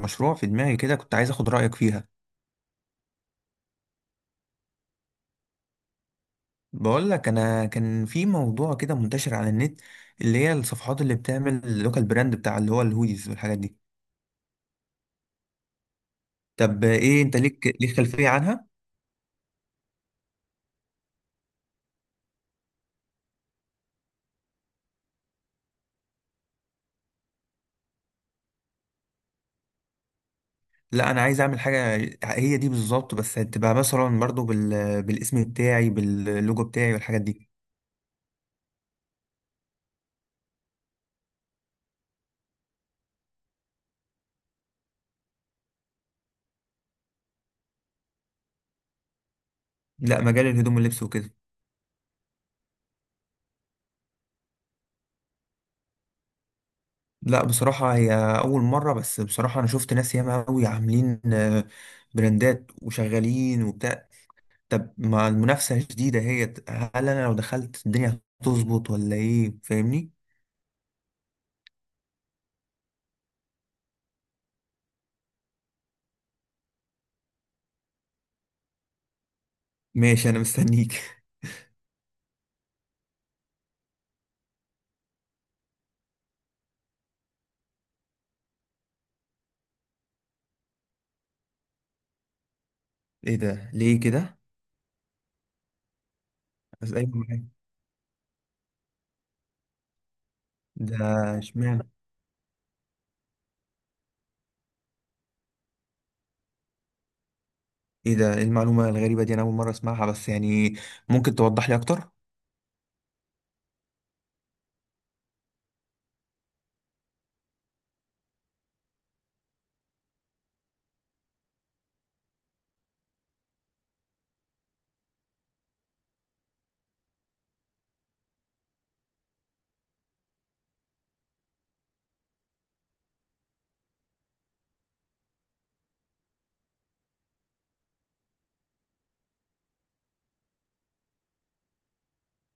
مشروع في دماغي كده كنت عايز اخد رأيك فيها. بقول لك انا كان في موضوع كده منتشر على النت، اللي هي الصفحات اللي بتعمل اللوكال براند بتاع اللي هو الهوديز والحاجات دي. طب ايه انت ليك خلفية عنها؟ لا انا عايز اعمل حاجة، هي دي بالظبط، بس هتبقى مثلا برضو بالاسم بتاعي باللوجو بتاعي والحاجات دي. لا، مجال الهدوم واللبس وكده. لا بصراحة هي أول مرة، بس بصراحة أنا شفت ناس ياما أوي عاملين براندات وشغالين وبتاع. طب مع المنافسة الجديدة هي، هل أنا لو دخلت الدنيا هتظبط ولا إيه، فاهمني؟ ماشي أنا مستنيك. إيه ده ليه كده؟ بس أيوة معاك. ده اشمعنى؟ إيه ده، إيه المعلومة الغريبة دي، أنا أول مرة أسمعها، بس يعني ممكن توضح لي أكتر؟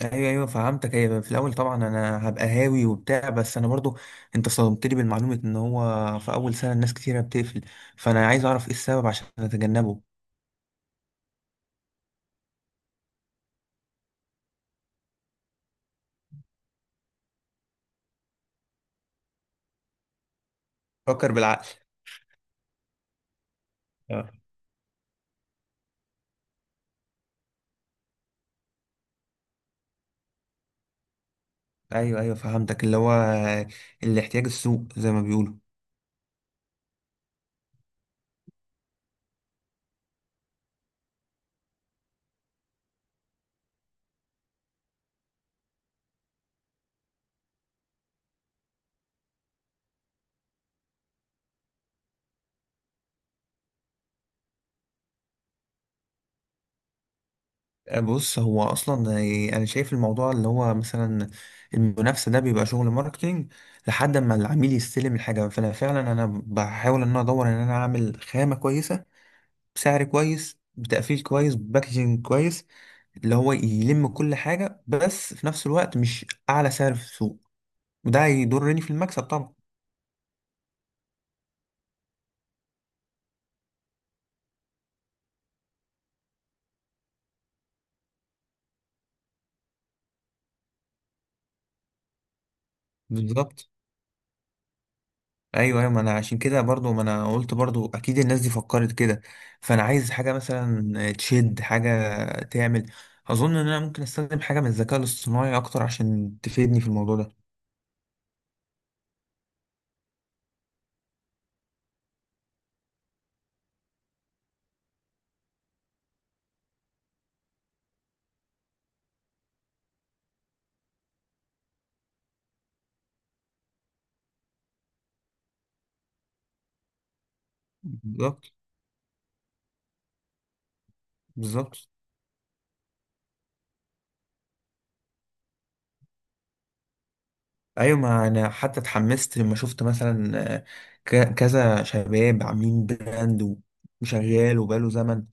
أيوة أيوة فهمتك. أيوة في الأول طبعا أنا هبقى هاوي وبتاع، بس أنا برضو أنت صدمتني بالمعلومة إن هو في أول سنة الناس كتيرة بتقفل، فأنا عايز أعرف إيه السبب عشان أتجنبه. فكر بالعقل. ايوه ايوه فهمتك، اللي هو الاحتياج السوق زي ما بيقولوا. بص هو اصلا انا شايف الموضوع اللي هو مثلا المنافسه ده بيبقى شغل ماركتينج لحد ما العميل يستلم الحاجه، فانا فعلا بحاول ان انا ادور ان انا اعمل خامه كويسه بسعر كويس بتقفيل كويس باكجينج كويس، اللي هو يلم كل حاجه، بس في نفس الوقت مش اعلى سعر في السوق، وده هيضرني في المكسب طبعا. بالظبط. ايوه ايوه، ما انا عشان كده برضو ما انا قلت برضو اكيد الناس دي فكرت كده، فانا عايز حاجه مثلا تشد حاجه، تعمل، اظن ان انا ممكن استخدم حاجه من الذكاء الاصطناعي اكتر عشان تفيدني في الموضوع ده. بالظبط بالظبط. ايوه ما انا حتى اتحمست لما شفت مثلا، كذا شباب عاملين براند وشغال وبقاله زمن،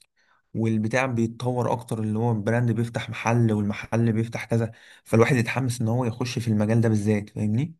والبتاع بيتطور اكتر، اللي هو البراند بيفتح محل، والمحل بيفتح كذا، فالواحد يتحمس ان هو يخش في المجال ده بالذات، فاهمني.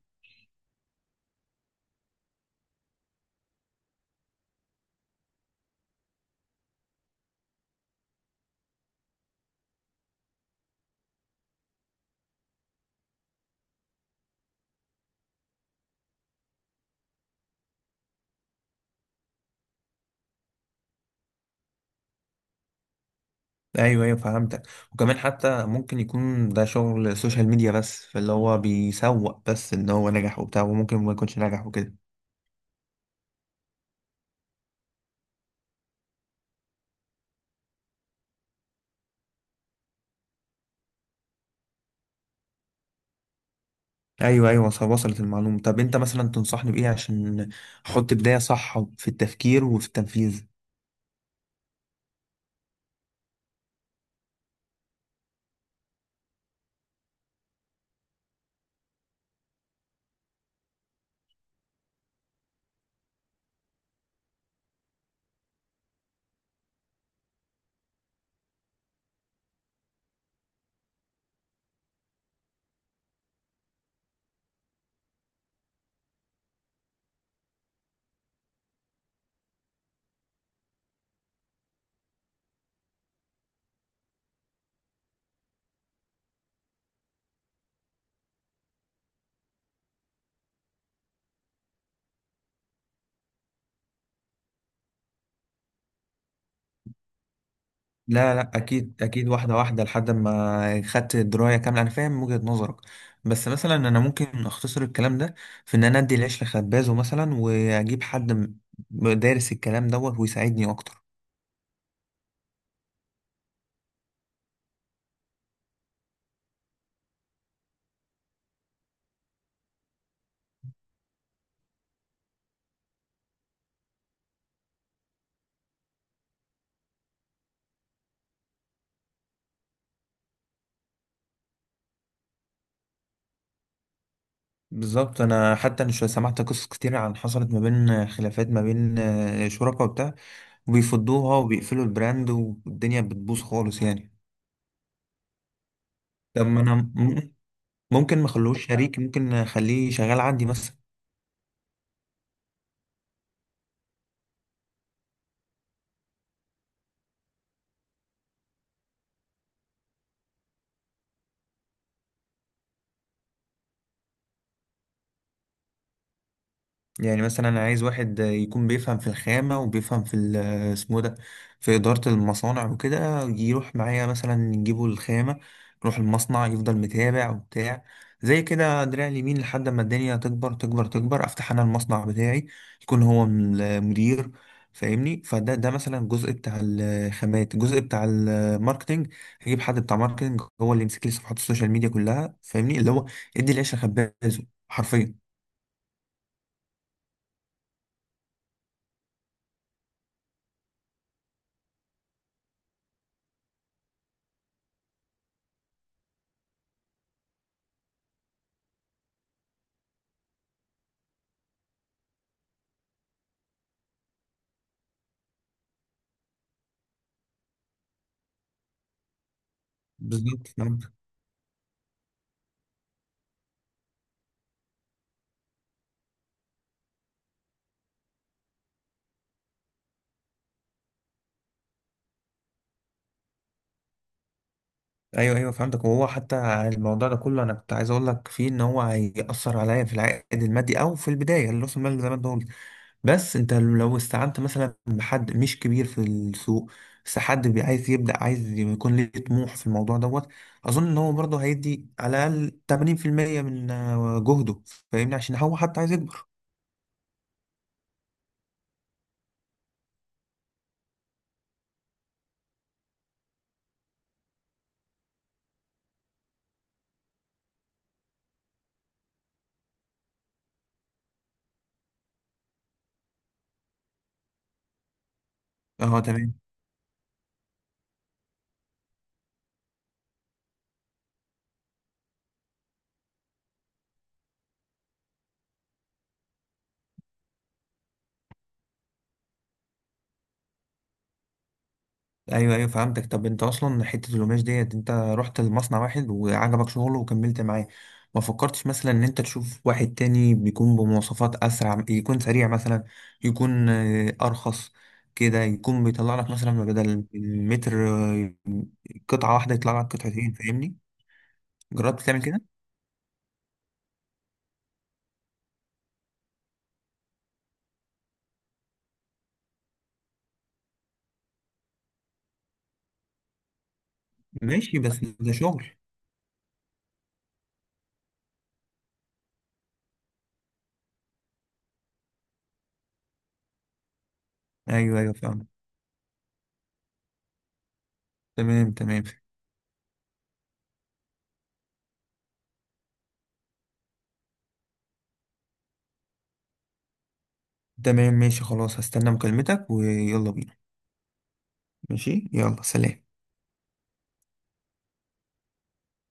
ايوه ايوه فهمتك. وكمان حتى ممكن يكون ده شغل سوشيال ميديا بس، فاللي هو بيسوق بس ان هو نجح وبتاع، وممكن ما يكونش نجح وكده. ايوه ايوه وصلت المعلومه. طب انت مثلا تنصحني بايه عشان احط بدايه صح في التفكير وفي التنفيذ؟ لا لا اكيد اكيد، واحده واحده لحد ما خدت درايه كامله، انا فاهم وجهه نظرك، بس مثلا انا ممكن اختصر الكلام ده في ان انا ادي العيش لخبازه مثلا، واجيب حد دارس الكلام دوت ويساعدني اكتر. بالظبط. انا حتى سمعت قصص كتير عن حصلت ما بين خلافات ما بين شركاء وبتاع، وبيفضوها وبيقفلوا البراند والدنيا بتبوظ خالص يعني. طب ما انا م- ممكن ما اخلوش شريك، ممكن اخليه شغال عندي مثلا. يعني مثلا انا عايز واحد يكون بيفهم في الخامة وبيفهم في اسمه ده، في إدارة المصانع وكده، يروح معايا مثلا نجيبه الخامة، نروح المصنع يفضل متابع وبتاع، زي كده دراع اليمين، لحد ما الدنيا تكبر تكبر تكبر افتح انا المصنع بتاعي، يكون هو المدير، فاهمني. فده مثلا الجزء بتاع الخامات، الجزء بتاع الماركتينج هجيب حد بتاع ماركتينج هو اللي يمسك لي صفحات السوشيال ميديا كلها، فاهمني، اللي هو ادي العيش لخبازه حرفيا. بالظبط. ايوه ايوه فهمتك. وهو حتى الموضوع ده كله انا كنت عايز اقول لك فيه ان هو هيأثر عليا في العائد المادي او في البدايه، اللي راس المال زي ما انت قلت، بس انت لو استعنت مثلا بحد مش كبير في السوق، بس حد عايز يبدأ، عايز يكون ليه طموح في الموضوع دوت، اظن ان هو برضه هيدي على الاقل 80% من جهده، فاهمني، عشان هو حتى عايز يكبر. اه تمام. ايوه ايوه فهمتك. طب انت اصلا حته القماش ديت انت رحت لمصنع واحد وعجبك شغله وكملت معاه، ما فكرتش مثلا ان انت تشوف واحد تاني بيكون بمواصفات اسرع، يكون سريع مثلا، يكون ارخص كده، يكون بيطلع لك مثلا بدل المتر قطعه واحده يطلع لك قطعتين، فاهمني؟ جربت تعمل كده؟ ماشي، بس ده شغل. ايوه ايوه فاهم. تمام تمام. تمام ماشي خلاص، هستنى مكالمتك ويلا بينا. ماشي يلا سلام.